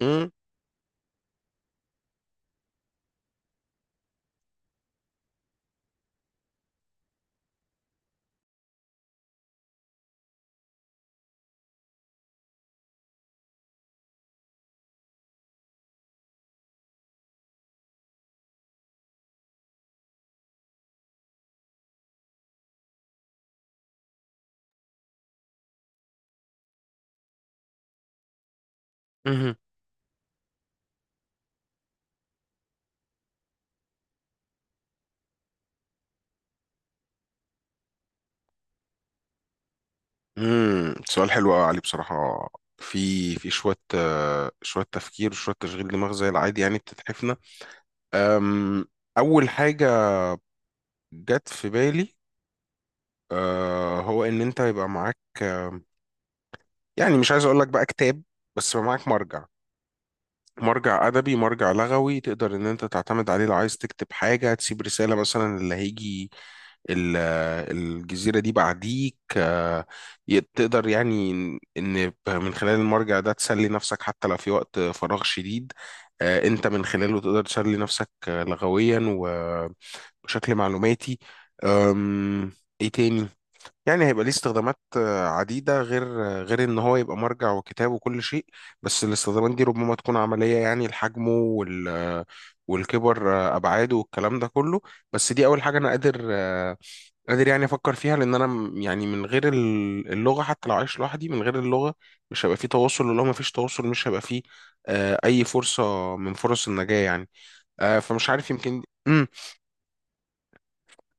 مم، مهم. مم. سؤال حلو قوي علي، بصراحة. في شوية شوية تفكير وشوية تشغيل دماغ، زي العادي، يعني بتتحفنا. أم، أول حاجة جت في بالي، هو إن أنت يبقى معاك، يعني مش عايز أقول لك بقى كتاب، بس يبقى معاك مرجع. مرجع أدبي، مرجع لغوي، تقدر إن أنت تعتمد عليه لو عايز تكتب حاجة، تسيب رسالة مثلا اللي هيجي ال- الجزيرة دي بعديك، تقدر يعني إن من خلال المرجع ده تسلي نفسك حتى لو في وقت فراغ شديد. أنت من خلاله تقدر تسلي نفسك لغويا و- وشكل معلوماتي. أم، إيه تاني؟ يعني هيبقى ليه استخدامات عديدة، غير غير إن هو يبقى مرجع وكتاب وكل شيء. بس الاستخدامات دي ربما تكون عملية يعني لحجمه، والكبر، أبعاده والكلام ده كله. بس دي أول حاجة أنا قادر قادر يعني أفكر فيها، لأن أنا يعني من غير اللغة، حتى لو عايش لوحدي من غير اللغة مش هيبقى فيه تواصل، ولو ما فيش تواصل مش هيبقى فيه أي فرصة من فرص النجاة يعني. فمش عارف، يمكن.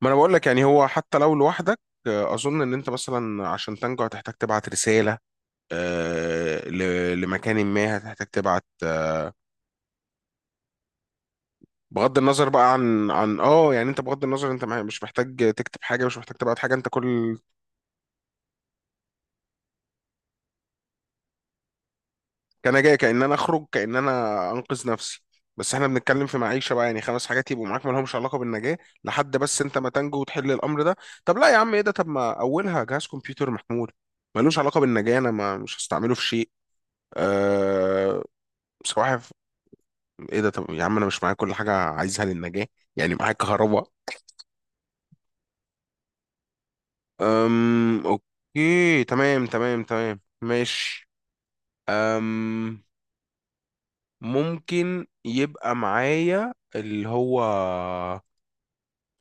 ما انا بقول لك يعني هو حتى لو لوحدك، اظن ان انت مثلا عشان تنجو هتحتاج تبعت رساله لمكان ما، هتحتاج تبعت بغض النظر بقى عن يعني. انت بغض النظر، انت مش محتاج تكتب حاجه، مش محتاج تبعت حاجه، انت كل كان جاي، كان انا اخرج، كان انا انقذ نفسي. بس احنا بنتكلم في معيشه بقى، يعني 5 حاجات يبقوا معاك ما لهمش علاقه بالنجاه، لحد بس انت ما تنجو وتحل الامر ده. طب لا يا عم، ايه ده؟ طب ما اولها جهاز كمبيوتر محمول، ملوش علاقه بالنجاه، انا ما مش هستعمله في شيء. آه، بصراحة ايه ده؟ طب يا عم، انا مش معايا كل حاجة عايزها للنجاة، يعني معايا كهرباء. اوكي، تمام تمام تمام، ماشي. أم... ممكن يبقى معايا اللي هو،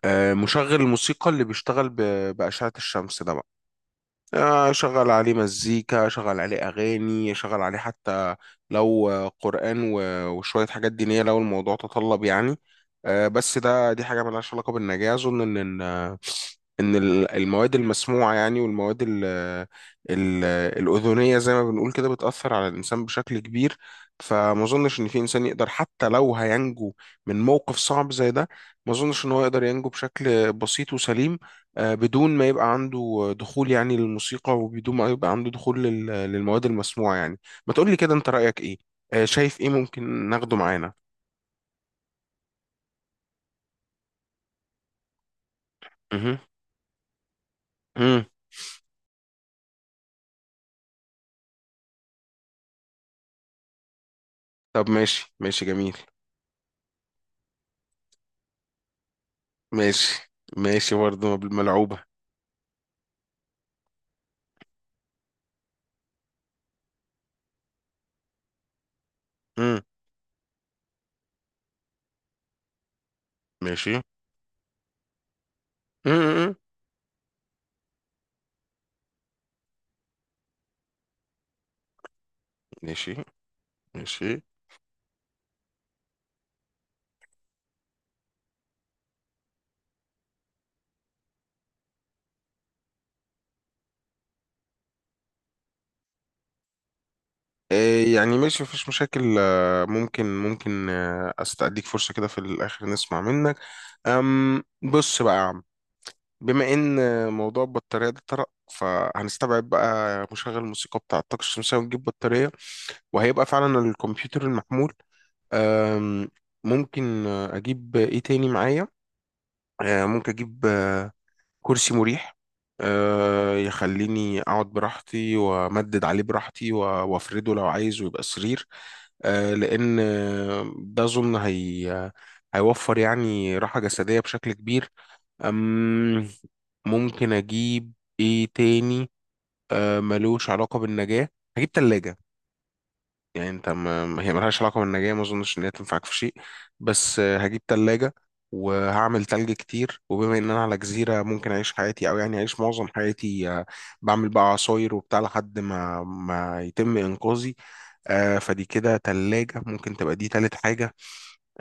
مشغل الموسيقى اللي بيشتغل بأشعة الشمس ده بقى. شغل عليه مزيكا، شغل عليه أغاني، شغل عليه حتى لو قرآن و- وشوية حاجات دينية، لو الموضوع تطلب يعني. بس دي حاجة ملهاش علاقة بالنجاة. أظن إن إن المواد المسموعة يعني، والمواد ال ال الأذنية، زي ما بنقول كده، بتأثر على الإنسان بشكل كبير. فما أظنش إن في إنسان يقدر، حتى لو هينجو من موقف صعب زي ده، ما أظنش إن هو يقدر ينجو بشكل بسيط وسليم بدون ما يبقى عنده دخول يعني للموسيقى، وبدون ما يبقى عنده دخول للمواد المسموعة يعني. ما تقولي كده، انت رأيك ايه؟ شايف ايه ممكن ناخده معانا؟ مهم. مم. طب ماشي ماشي جميل. ماشي ماشي برضه، ملعوبة. مم. ماشي. مم. ماشي ماشي. يعني ماشي، مفيش مشاكل. ممكن استأديك فرصة كده في الآخر نسمع منك. أم بص بقى يا عم، بما ان موضوع البطارية ده طرق، فهنستبعد بقى مشغل الموسيقى بتاع الطاقة الشمسية ونجيب بطارية، وهيبقى فعلا الكمبيوتر المحمول. أم، ممكن اجيب ايه تاني معايا؟ ممكن اجيب كرسي مريح، يخليني اقعد براحتي، وامدد عليه براحتي، و- وافرده لو عايز ويبقى سرير، لان ده اظن هي هيوفر يعني راحة جسدية بشكل كبير. أم ممكن اجيب ايه تاني؟ ملوش علاقة بالنجاة، هجيب تلاجة. يعني انت هي ملهاش علاقة بالنجاة، ما اظنش ان هي تنفعك في شيء، بس هجيب تلاجة وهعمل تلج كتير. وبما ان انا على جزيرة، ممكن اعيش حياتي، او يعني اعيش معظم حياتي، بعمل بقى عصاير وبتاع، لحد ما يتم انقاذي. فدي كده تلاجة، ممكن تبقى دي تالت حاجة.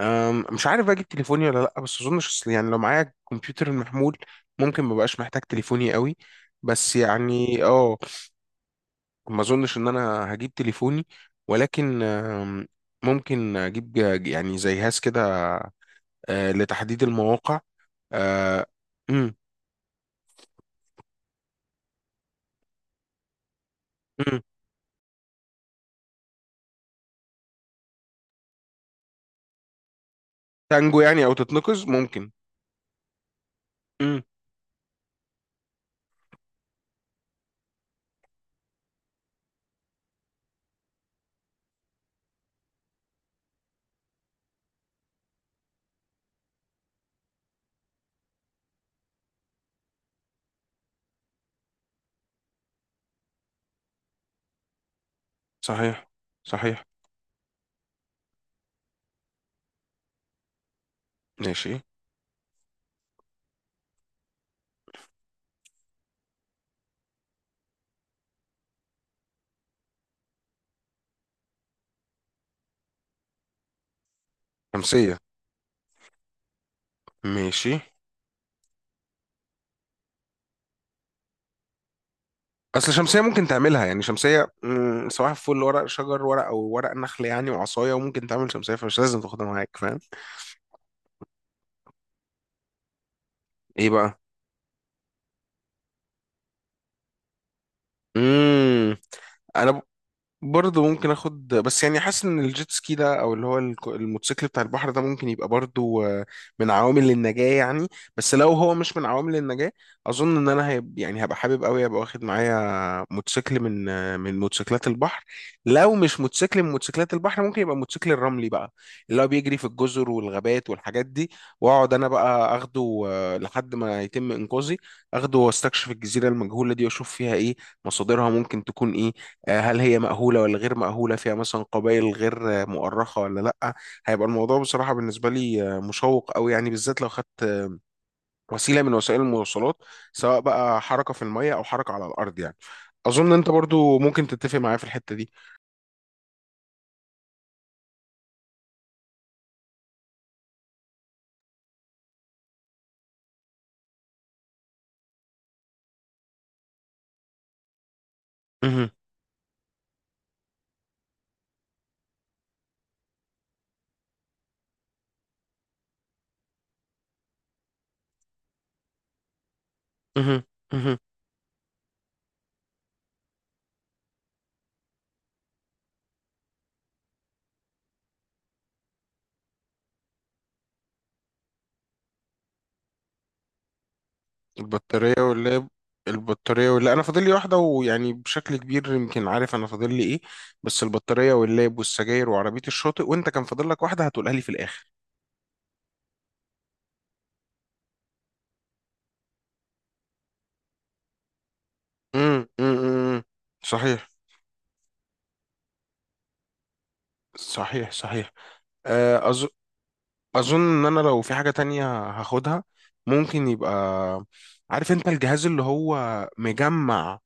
مش عارف بقى اجيب تليفوني ولا لا، بس اظن شخص يعني لو معايا كمبيوتر المحمول ممكن مبقاش محتاج تليفوني قوي. بس يعني، ما اظنش ان انا هجيب تليفوني، ولكن ممكن اجيب يعني زي جهاز كده، لتحديد المواقع. آه، أم، أم. تانجو يعني، او تتنقز ممكن. أم، صحيح، صحيح. ماشي. خمسية. ماشي. اصل شمسيه ممكن تعملها، يعني شمسيه، سواء فل ورق شجر، ورق او ورق نخل يعني، وعصايه، وممكن تعمل شمسيه، فمش لازم تاخدها معاك، فاهم؟ ايه بقى؟ امم انا برضه ممكن اخد، بس يعني حاسس ان الجيت سكي ده، او اللي هو الموتوسيكل بتاع البحر ده، ممكن يبقى برضه من عوامل النجاة يعني. بس لو هو مش من عوامل النجاة، اظن ان انا يعني هبقى حابب قوي ابقى واخد معايا موتوسيكل من، من موتوسيكلات البحر. لو مش موتوسيكل من موتوسيكلات البحر، ممكن يبقى موتوسيكل الرملي بقى، اللي هو بيجري في الجزر والغابات والحاجات دي. واقعد انا بقى اخده، لحد ما يتم انقاذي. اخده واستكشف الجزيرة المجهولة دي، واشوف فيها ايه، مصادرها ممكن تكون ايه. هل هي مأهولة ولا غير مأهولة؟ فيها مثلا قبائل غير مؤرخة ولا لأ؟ هيبقى الموضوع بصراحة بالنسبة لي مشوق أوي يعني، بالذات لو خدت وسيلة من وسائل المواصلات، سواء بقى حركة في المية أو حركة على الأرض يعني. أظن أنت برضو ممكن تتفق معايا في الحتة دي. مهم. مهم. مهم. البطارية واللاب. أنا فاضل لي واحدة، ويعني بشكل كبير يمكن عارف أنا فاضل لي إيه. بس البطارية واللاب والسجاير وعربية الشاطئ، وأنت كان فاضل لك واحدة هتقولها لي في الآخر. امم امم صحيح صحيح صحيح. آه، أظ... أظن إن أنا لو في حاجة تانية هاخدها، ممكن يبقى، عارف أنت الجهاز اللي هو مجمع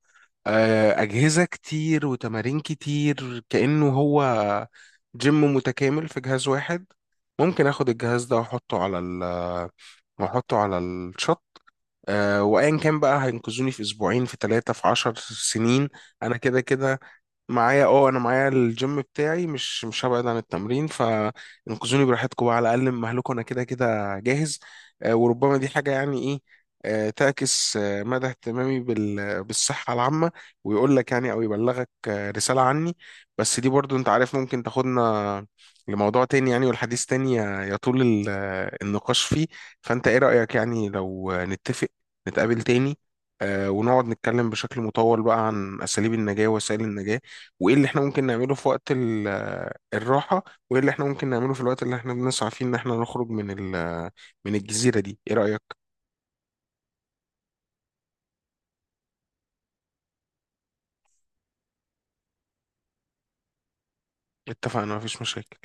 أجهزة كتير وتمارين كتير، كأنه هو جيم متكامل في جهاز واحد. ممكن آخد الجهاز ده وأحطه على الشط، وأيا كان بقى، هينقذوني في 2 أسبوع، في 3، في 10 سنين، أنا كده كده معايا. اه انا معايا الجيم بتاعي، مش هبعد عن التمرين، فانقذوني براحتكم بقى، على الاقل من مهلكم، انا كده كده جاهز. وربما دي حاجه يعني ايه، تعكس مدى اهتمامي بالصحه العامه، ويقول لك يعني، او يبلغك رساله عني. بس دي برضو انت عارف ممكن تاخدنا لموضوع تاني يعني، والحديث تاني يطول النقاش فيه. فانت ايه رايك، يعني لو نتفق نتقابل تاني ونقعد نتكلم بشكل مطول بقى، عن اساليب النجاه ووسائل النجاه، وايه اللي احنا ممكن نعمله في وقت الراحة، وايه اللي احنا ممكن نعمله في الوقت اللي احنا بنسعى فيه ان احنا نخرج من من الجزيرة دي؟ ايه رأيك؟ اتفقنا، مفيش مشاكل.